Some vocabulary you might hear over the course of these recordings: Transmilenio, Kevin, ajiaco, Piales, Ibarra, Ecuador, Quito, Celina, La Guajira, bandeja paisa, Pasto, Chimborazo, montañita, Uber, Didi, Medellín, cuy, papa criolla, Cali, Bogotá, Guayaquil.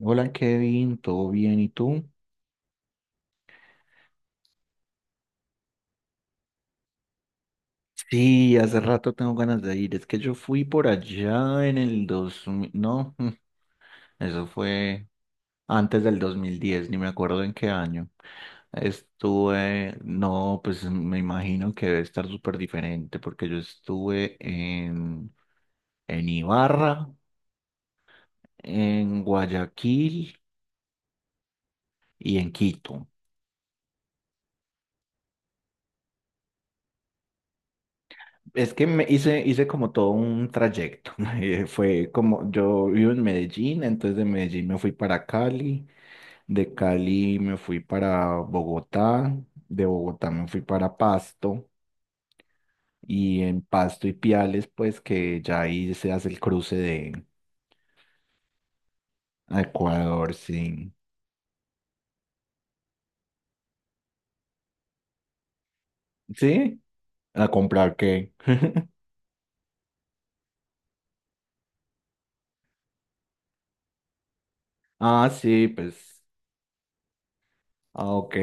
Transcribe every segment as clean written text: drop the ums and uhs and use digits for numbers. Hola Kevin, ¿todo bien? ¿Y tú? Sí, hace rato tengo ganas de ir. Es que yo fui por allá en el 2000, no, eso fue antes del 2010, ni me acuerdo en qué año. Estuve, no, pues me imagino que debe estar súper diferente porque yo estuve en Ibarra, en Guayaquil y en Quito. Es que hice como todo un trayecto. Fue como, yo vivo en Medellín, entonces de Medellín me fui para Cali, de Cali me fui para Bogotá, de Bogotá me fui para Pasto, y en Pasto y Piales, pues que ya ahí se hace el cruce de a Ecuador, sí. ¿Sí? ¿A comprar qué? Ah, sí, pues, ah, ok,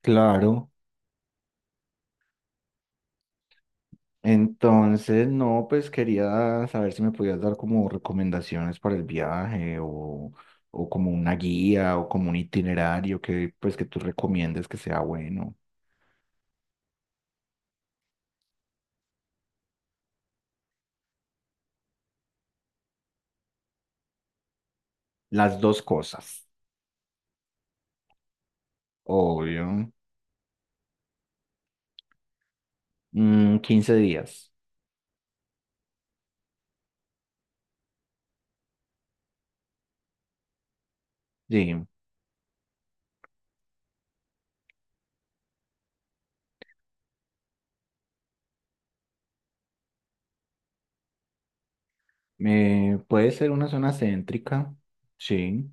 claro. Entonces, no, pues quería saber si me podías dar como recomendaciones para el o como una guía o como un itinerario que pues que tú recomiendes que sea bueno. Las dos cosas, obvio. 15 días, sí. Puede ser una zona céntrica, sí,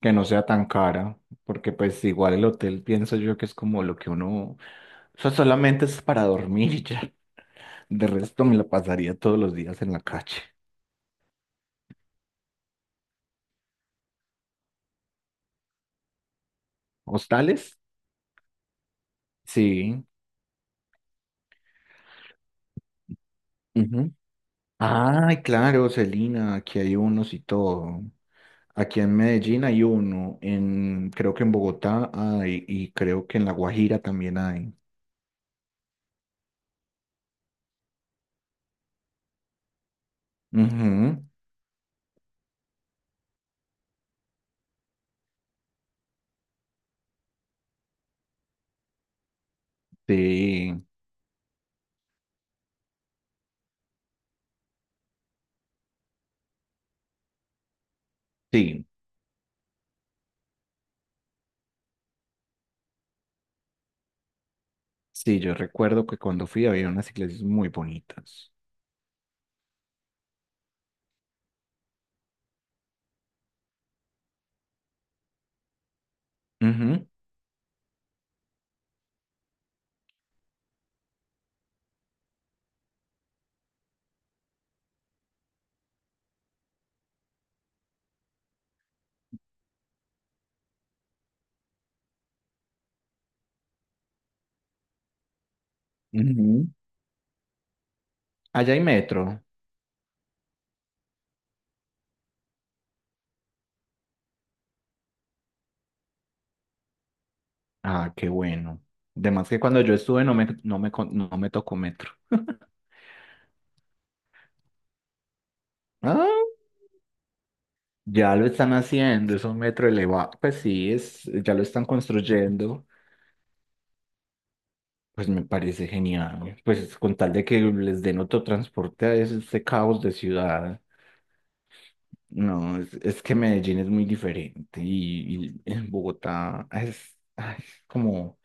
que no sea tan cara, porque pues igual el hotel pienso yo que es como lo que uno, eso solamente es para dormir y ya. De resto me la pasaría todos los días en la calle. ¿Hostales? Sí. Ujú. Ay, claro, Celina, aquí hay unos y todo. Aquí en Medellín hay uno, en, creo que en Bogotá hay, y creo que en La Guajira también hay. Ujú. Sí, sí, sí, yo recuerdo que cuando fui había unas iglesias muy bonitas. Ujú, ujú. Allá hay metro. Ah, qué bueno. Además que cuando yo estuve no me tocó metro. Ah, ya lo están haciendo, es un metro elevado. Pues sí, es, ya lo están construyendo. Pues me parece genial. Pues con tal de que les den otro transporte a ese, este caos de ciudad. No, es que Medellín es muy diferente y en Bogotá es, ay, es como...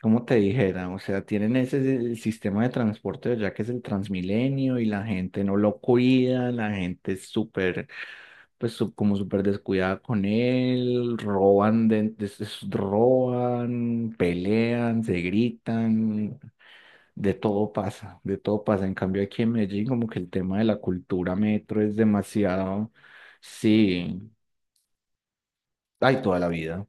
como te dijera, o sea, tienen ese el sistema de transporte ya que es el Transmilenio y la gente no lo cuida, la gente es súper, pues como súper descuidada con él, roban, roban, pelean, se gritan, de todo pasa, de todo pasa. En cambio aquí en Medellín como que el tema de la cultura metro es demasiado, sí, hay toda la vida.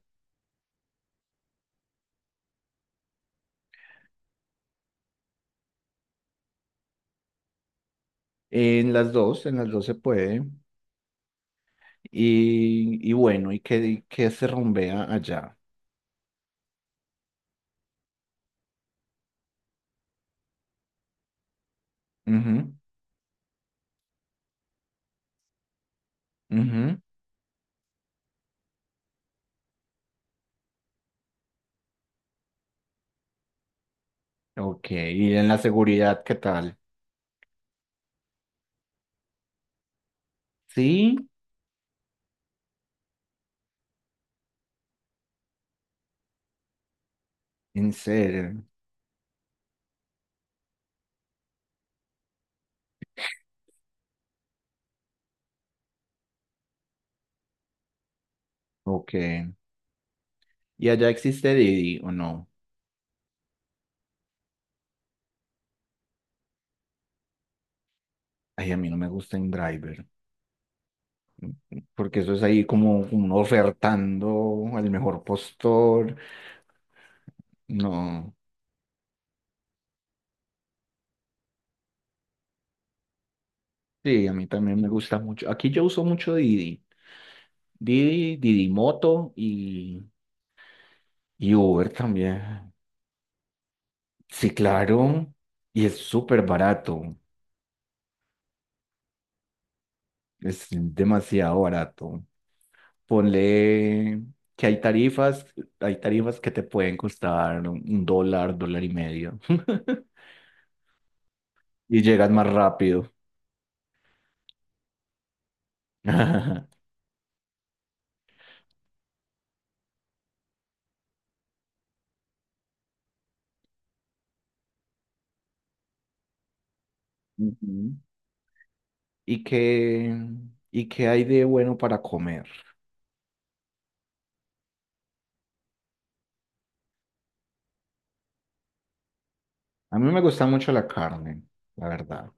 En las dos se puede. Y bueno, y que se rumbea allá. Ujú, ujú. Ok, y en la seguridad, ¿qué tal? Sí, en serio. Ok. ¿Y allá existe Didi o no? Ay, a mí no me gusta driver porque eso es ahí como, como uno ofertando al mejor postor. No, sí, a mí también me gusta mucho. Aquí yo uso mucho Didi. Didi Moto y Uber también. Sí, claro. Y es súper barato. Es demasiado barato. Ponle que hay tarifas que te pueden costar un dólar, dólar y medio. Y llegas más rápido. Ujú. ¿Y qué, ¿Y qué hay de bueno para comer? A mí me gusta mucho la carne, la verdad.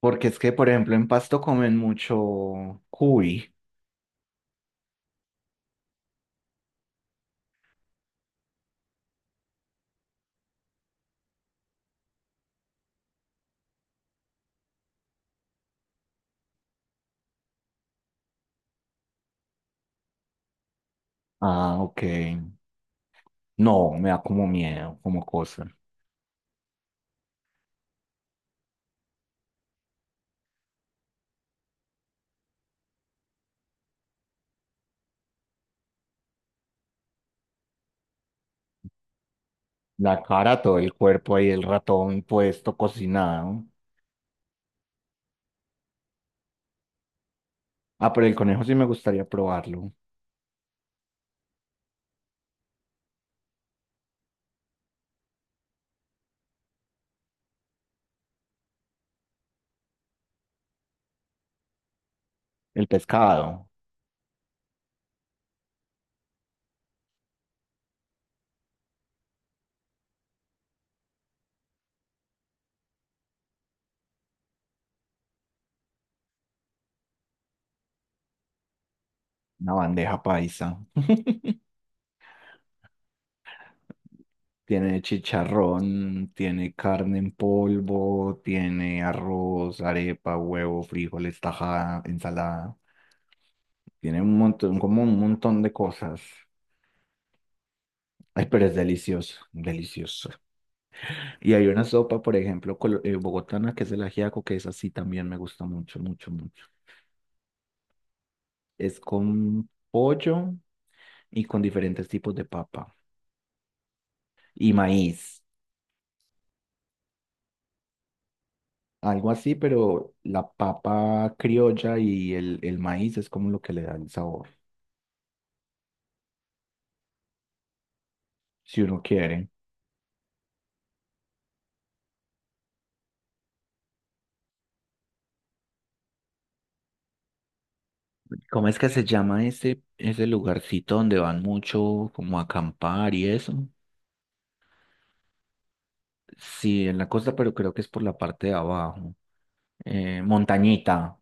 Porque es que, por ejemplo, en Pasto comen mucho cuy. Ah, ok. No, me da como miedo, como cosa. La cara, todo el cuerpo ahí, el ratón puesto, cocinado. Ah, pero el conejo sí me gustaría probarlo. El pescado, una bandeja paisa. Tiene chicharrón, tiene carne en polvo, tiene arroz, arepa, huevo, frijoles, tajada, ensalada. Tiene un montón, como un montón de cosas. Ay, pero es delicioso, delicioso. Y hay una sopa, por ejemplo, bogotana, que es el ajiaco, que es así también me gusta mucho, mucho, mucho. Es con pollo y con diferentes tipos de papa y maíz. Algo así, pero la papa criolla y el maíz es como lo que le da el sabor, si uno quiere. ¿Cómo es que se llama ese lugarcito donde van mucho como a acampar y eso? Sí, en la costa, pero creo que es por la parte de abajo. Eh, montañita,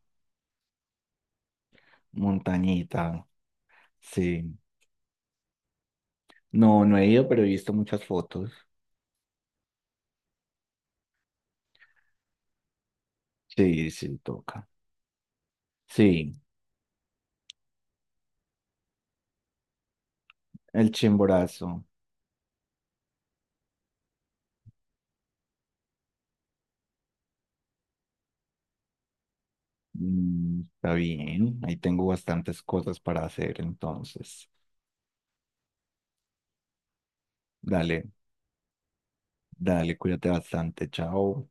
Montañita, sí. No, no he ido, pero he visto muchas fotos. Sí, sí, toca. Sí, el Chimborazo. Está bien, ahí tengo bastantes cosas para hacer entonces. Dale, dale, cuídate bastante, chao.